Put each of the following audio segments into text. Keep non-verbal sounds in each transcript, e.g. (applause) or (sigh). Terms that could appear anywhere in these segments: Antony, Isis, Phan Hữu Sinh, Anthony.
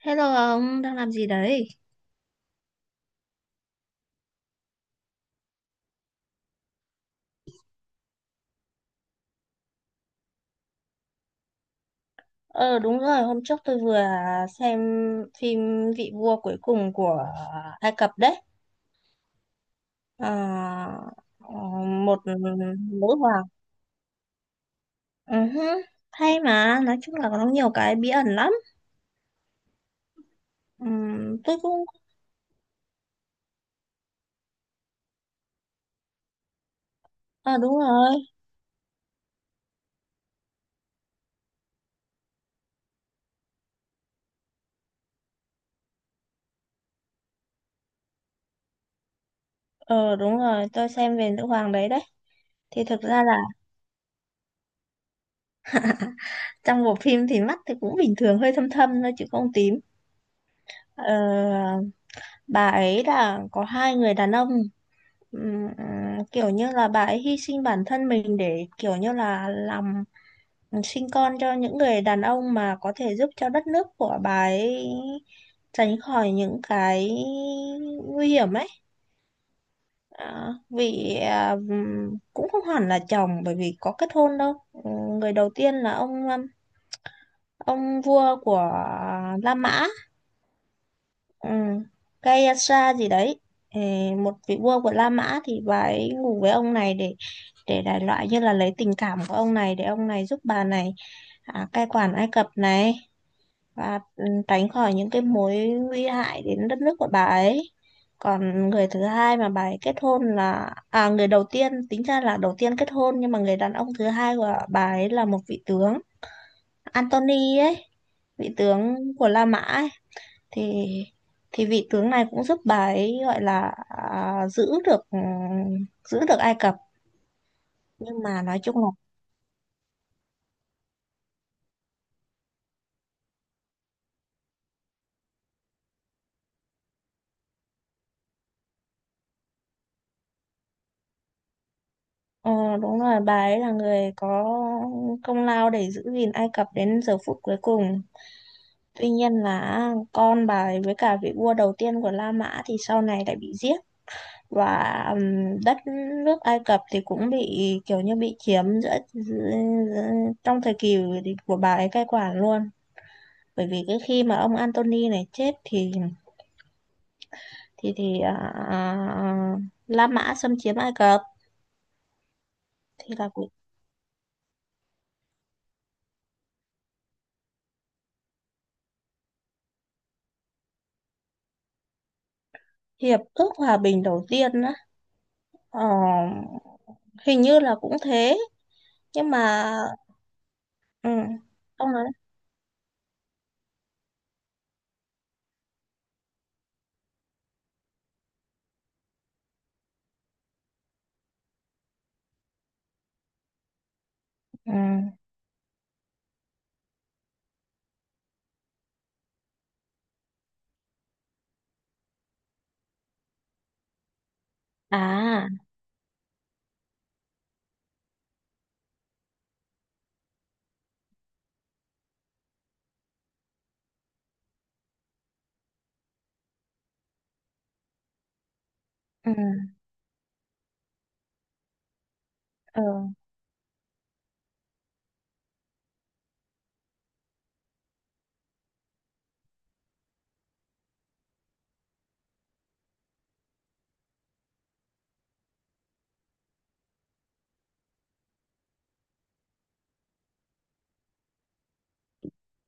Hello ông, đang làm gì đấy? Ờ đúng rồi, hôm trước tôi vừa xem phim Vị vua cuối cùng của Ai Cập đấy. Ờ, ờ, Một nữ hoàng. Ừ hứ, hay mà, nói chung là có nhiều cái bí ẩn lắm. Ừm, tôi cũng. Ờ đúng rồi, ờ đúng rồi, tôi xem về nữ hoàng đấy đấy. Thì thực ra là trong bộ phim thì mắt thì cũng bình thường, hơi thâm thâm thôi chứ không tím. Ờ, bà ấy là có hai người đàn ông. Ừm, Kiểu như là bà ấy hy sinh bản thân mình để kiểu như là làm sinh con cho những người đàn ông mà có thể giúp cho đất nước của bà ấy tránh khỏi những cái nguy hiểm ấy. Vì cũng không hẳn là chồng bởi vì có kết hôn đâu. Người đầu tiên là ông vua của La Mã ừ. Gayatri gì đấy. Ờ, Một vị vua của La Mã thì bà ấy ngủ với ông này để đại loại như là lấy tình cảm của ông này để ông này giúp bà này, cai quản Ai Cập này, và tránh khỏi những cái mối nguy hại đến đất nước của bà ấy. Còn người thứ hai mà bà ấy kết hôn là người đầu tiên, tính ra là đầu tiên kết hôn, nhưng mà người đàn ông thứ hai của bà ấy là một vị tướng Antony ấy, vị tướng của La Mã ấy. Thì thì vị tướng này cũng giúp bà ấy gọi là giữ được Ai Cập. Nhưng mà nói chung là ờ, đúng rồi, bà ấy là người có công lao để giữ gìn Ai Cập đến giờ phút cuối cùng. Tuy nhiên là con bà ấy với cả vị vua đầu tiên của La Mã thì sau này lại bị giết. Và đất nước Ai Cập thì cũng bị kiểu như bị chiếm giữa trong thời kỳ của bà ấy cai quản luôn. Bởi vì cái khi mà ông Antony này chết thì thì thì à, à, La Mã xâm chiếm Ai Cập, thì là cuộc hiệp ước hòa bình đầu tiên đó. Ờ, Hình như là cũng thế, nhưng mà ừ, ông nói ừ. à ừ, ừ.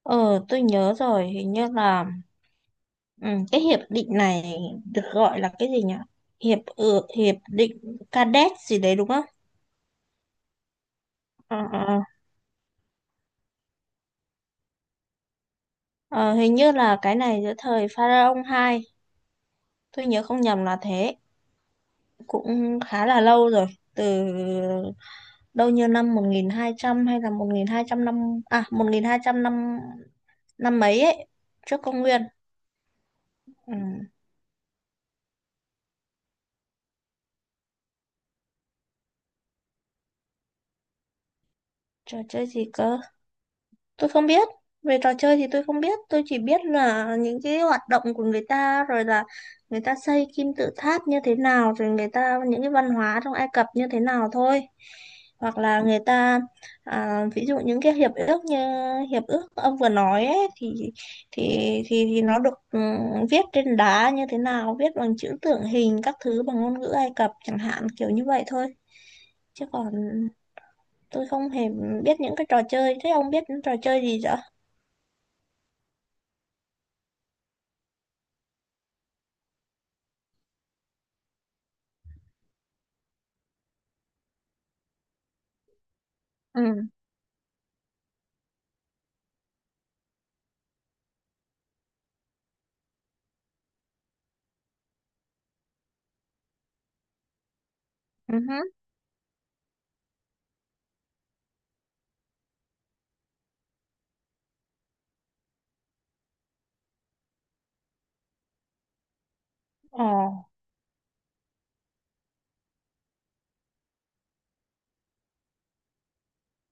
Ờ tôi nhớ rồi, hình như là ừ, cái hiệp định này được gọi là cái gì nhỉ, hiệp ước hiệp định Cadet gì đấy đúng không? Ờ, ờ, ờ, ờ. Hình như là cái này giữa thời Pharaoh hai, tôi nhớ không nhầm là thế, cũng khá là lâu rồi, từ đâu như năm 1200 hay là 1200 năm, à, 1200 năm năm mấy ấy trước công nguyên ừ. Trò chơi gì cơ? Tôi không biết. Về trò chơi thì tôi không biết. Tôi chỉ biết là những cái hoạt động của người ta, rồi là người ta xây kim tự tháp như thế nào, rồi người ta những cái văn hóa trong Ai Cập như thế nào thôi. Hoặc là người ta, ví dụ những cái hiệp ước như hiệp ước ông vừa nói ấy, thì thì nó được viết trên đá như thế nào, viết bằng chữ tượng hình các thứ bằng ngôn ngữ Ai Cập chẳng hạn kiểu như vậy thôi. Chứ còn tôi không hề biết những cái trò chơi. Thế ông biết những trò chơi gì vậy? Ừ, ừ hứ. Ờ,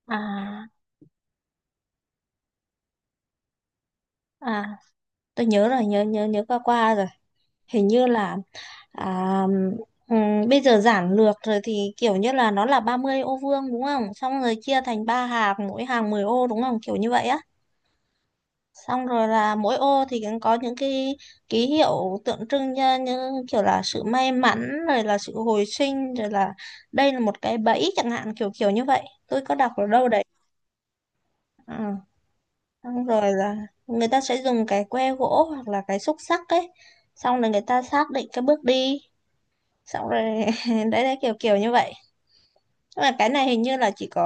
à, à, tôi nhớ rồi, nhớ nhớ nhớ qua qua rồi. Hình như là à, bây giờ giản lược rồi thì kiểu như là nó là 30 ô vuông đúng không? Xong rồi chia thành ba hàng, mỗi hàng 10 ô đúng không? Kiểu như vậy á. Xong rồi là mỗi ô thì cũng có những cái ký hiệu tượng trưng như, như kiểu là sự may mắn, rồi là sự hồi sinh, rồi là đây là một cái bẫy chẳng hạn, kiểu kiểu như vậy. Tôi có đọc ở đâu đấy. Ờ. Xong rồi là người ta sẽ dùng cái que gỗ hoặc là cái xúc xắc ấy, xong rồi người ta xác định cái bước đi, xong rồi (laughs) đấy đấy kiểu kiểu như vậy. Nhưng mà cái này hình như là chỉ có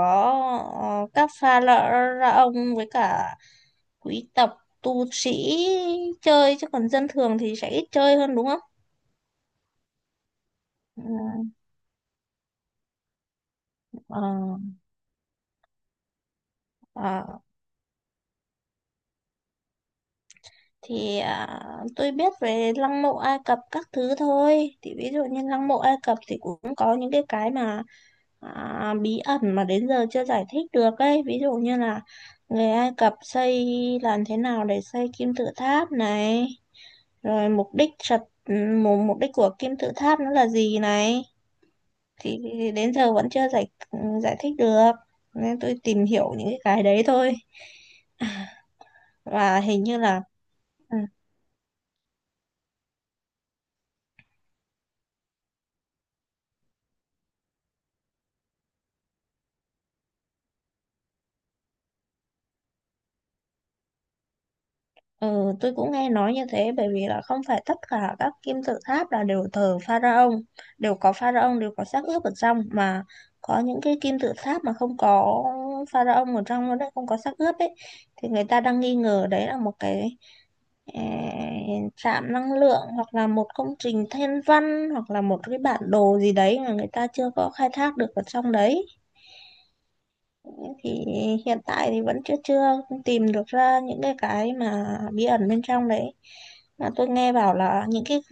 các pha lợ ra ông với cả quý tộc tu sĩ chơi, chứ còn dân thường thì sẽ ít chơi hơn đúng không? Ừ, ờ, ờ. Thì tôi biết về lăng mộ Ai Cập các thứ thôi, thì ví dụ như lăng mộ Ai Cập thì cũng có những cái mà bí ẩn mà đến giờ chưa giải thích được ấy, ví dụ như là người Ai Cập xây làm thế nào để xây kim tự tháp này, rồi mục đích của kim tự tháp nó là gì này. Thì đến giờ vẫn chưa giải giải thích được, nên tôi tìm hiểu những cái đấy thôi (laughs) và hình như là ừ, Ừ, tôi cũng nghe nói như thế, bởi vì là không phải tất cả các kim tự tháp là đều thờ pharaoh, đều có pharaoh, đều có xác ướp ở trong mà. Có những cái kim tự tháp mà không có pharaoh ở trong nó đấy, không có xác ướp ấy, thì người ta đang nghi ngờ đấy là một cái trạm năng lượng, hoặc là một công trình thiên văn, hoặc là một cái bản đồ gì đấy mà người ta chưa có khai thác được ở trong đấy. Thì hiện tại thì vẫn chưa chưa tìm được ra những cái mà bí ẩn bên trong đấy. Mà tôi nghe bảo là những cái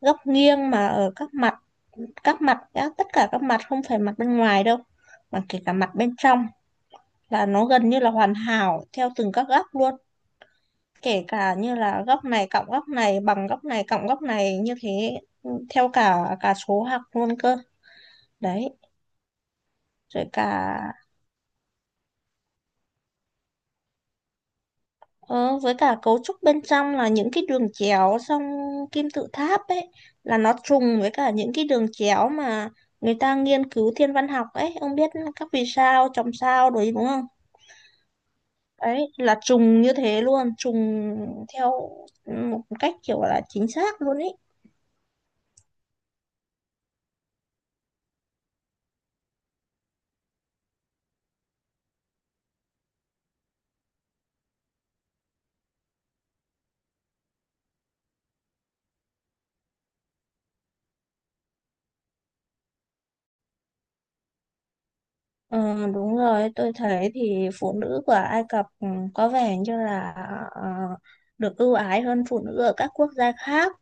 góc nghiêng mà ở tất cả các mặt, không phải mặt bên ngoài đâu, mà kể cả mặt bên trong, là nó gần như là hoàn hảo theo từng các góc luôn. Kể cả như là góc này cộng góc này bằng góc này cộng góc này như thế, theo cả cả số học luôn cơ. Đấy. rồi cả Ờ, với cả cấu trúc bên trong là những cái đường chéo trong kim tự tháp ấy, là nó trùng với cả những cái đường chéo mà người ta nghiên cứu thiên văn học ấy, ông biết các vì sao chòm sao đấy đúng không? Đấy là trùng như thế luôn, trùng theo một cách kiểu là chính xác luôn ấy. Ờ, đúng rồi, tôi thấy thì phụ nữ của Ai Cập, có vẻ như là ờ, được ưu ái hơn phụ nữ ở các quốc gia khác,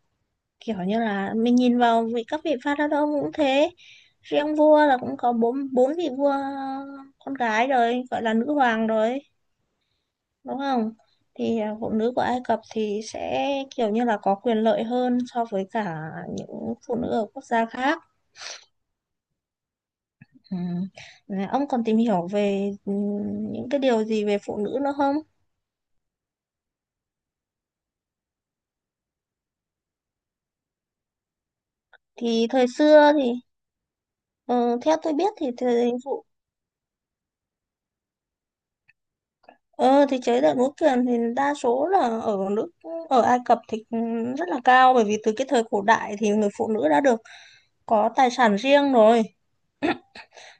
kiểu như là mình nhìn vào vị các vị vua đó đâu cũng thế, riêng vua là cũng có bốn bốn vị vua con gái rồi gọi là nữ hoàng rồi đúng không? Thì phụ nữ của Ai Cập thì sẽ kiểu như là có quyền lợi hơn so với cả những phụ nữ ở quốc gia khác. Ừ. Này, ông còn tìm hiểu về những cái điều gì về phụ nữ nữa không? Thì thời xưa thì ờ, theo tôi biết thì thời phụ Ờ thì chế độ múa kiềm thì đa số là ở nước ở Ai Cập thì rất là cao, bởi vì từ cái thời cổ đại thì người phụ nữ đã được có tài sản riêng rồi.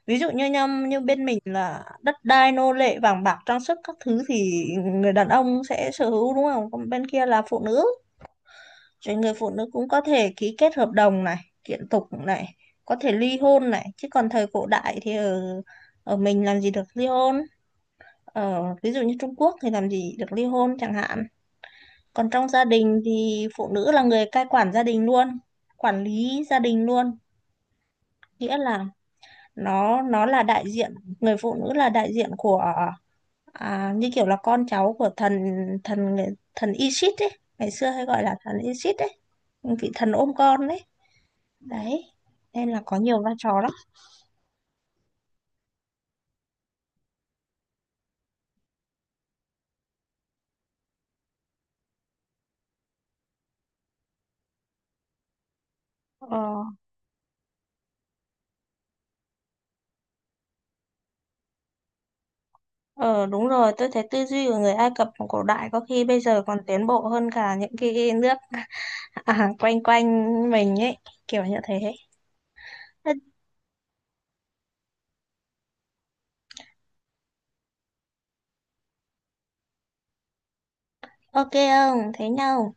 Ví dụ như bên mình là đất đai nô lệ vàng bạc trang sức các thứ thì người đàn ông sẽ sở hữu đúng không? Còn bên kia là phụ nữ. Rồi người phụ nữ cũng có thể ký kết hợp đồng này, kiện tụng này, có thể ly hôn này, chứ còn thời cổ đại thì ở ở mình làm gì được ly hôn? Ở ví dụ như Trung Quốc thì làm gì được ly hôn chẳng hạn. Còn trong gia đình thì phụ nữ là người cai quản gia đình luôn, quản lý gia đình luôn, nghĩa là nó là đại diện, người phụ nữ là đại diện của như kiểu là con cháu của thần thần thần Isis ấy, ngày xưa hay gọi là thần Isis ấy, vị thần ôm con đấy. Đấy. Nên là có nhiều vai trò lắm. Ờ, ờ đúng rồi, tôi thấy tư duy của người Ai Cập cổ đại có khi bây giờ còn tiến bộ hơn cả những cái nước (laughs) quanh quanh mình ấy, kiểu như thế. Thế Ok không? Thế nhau.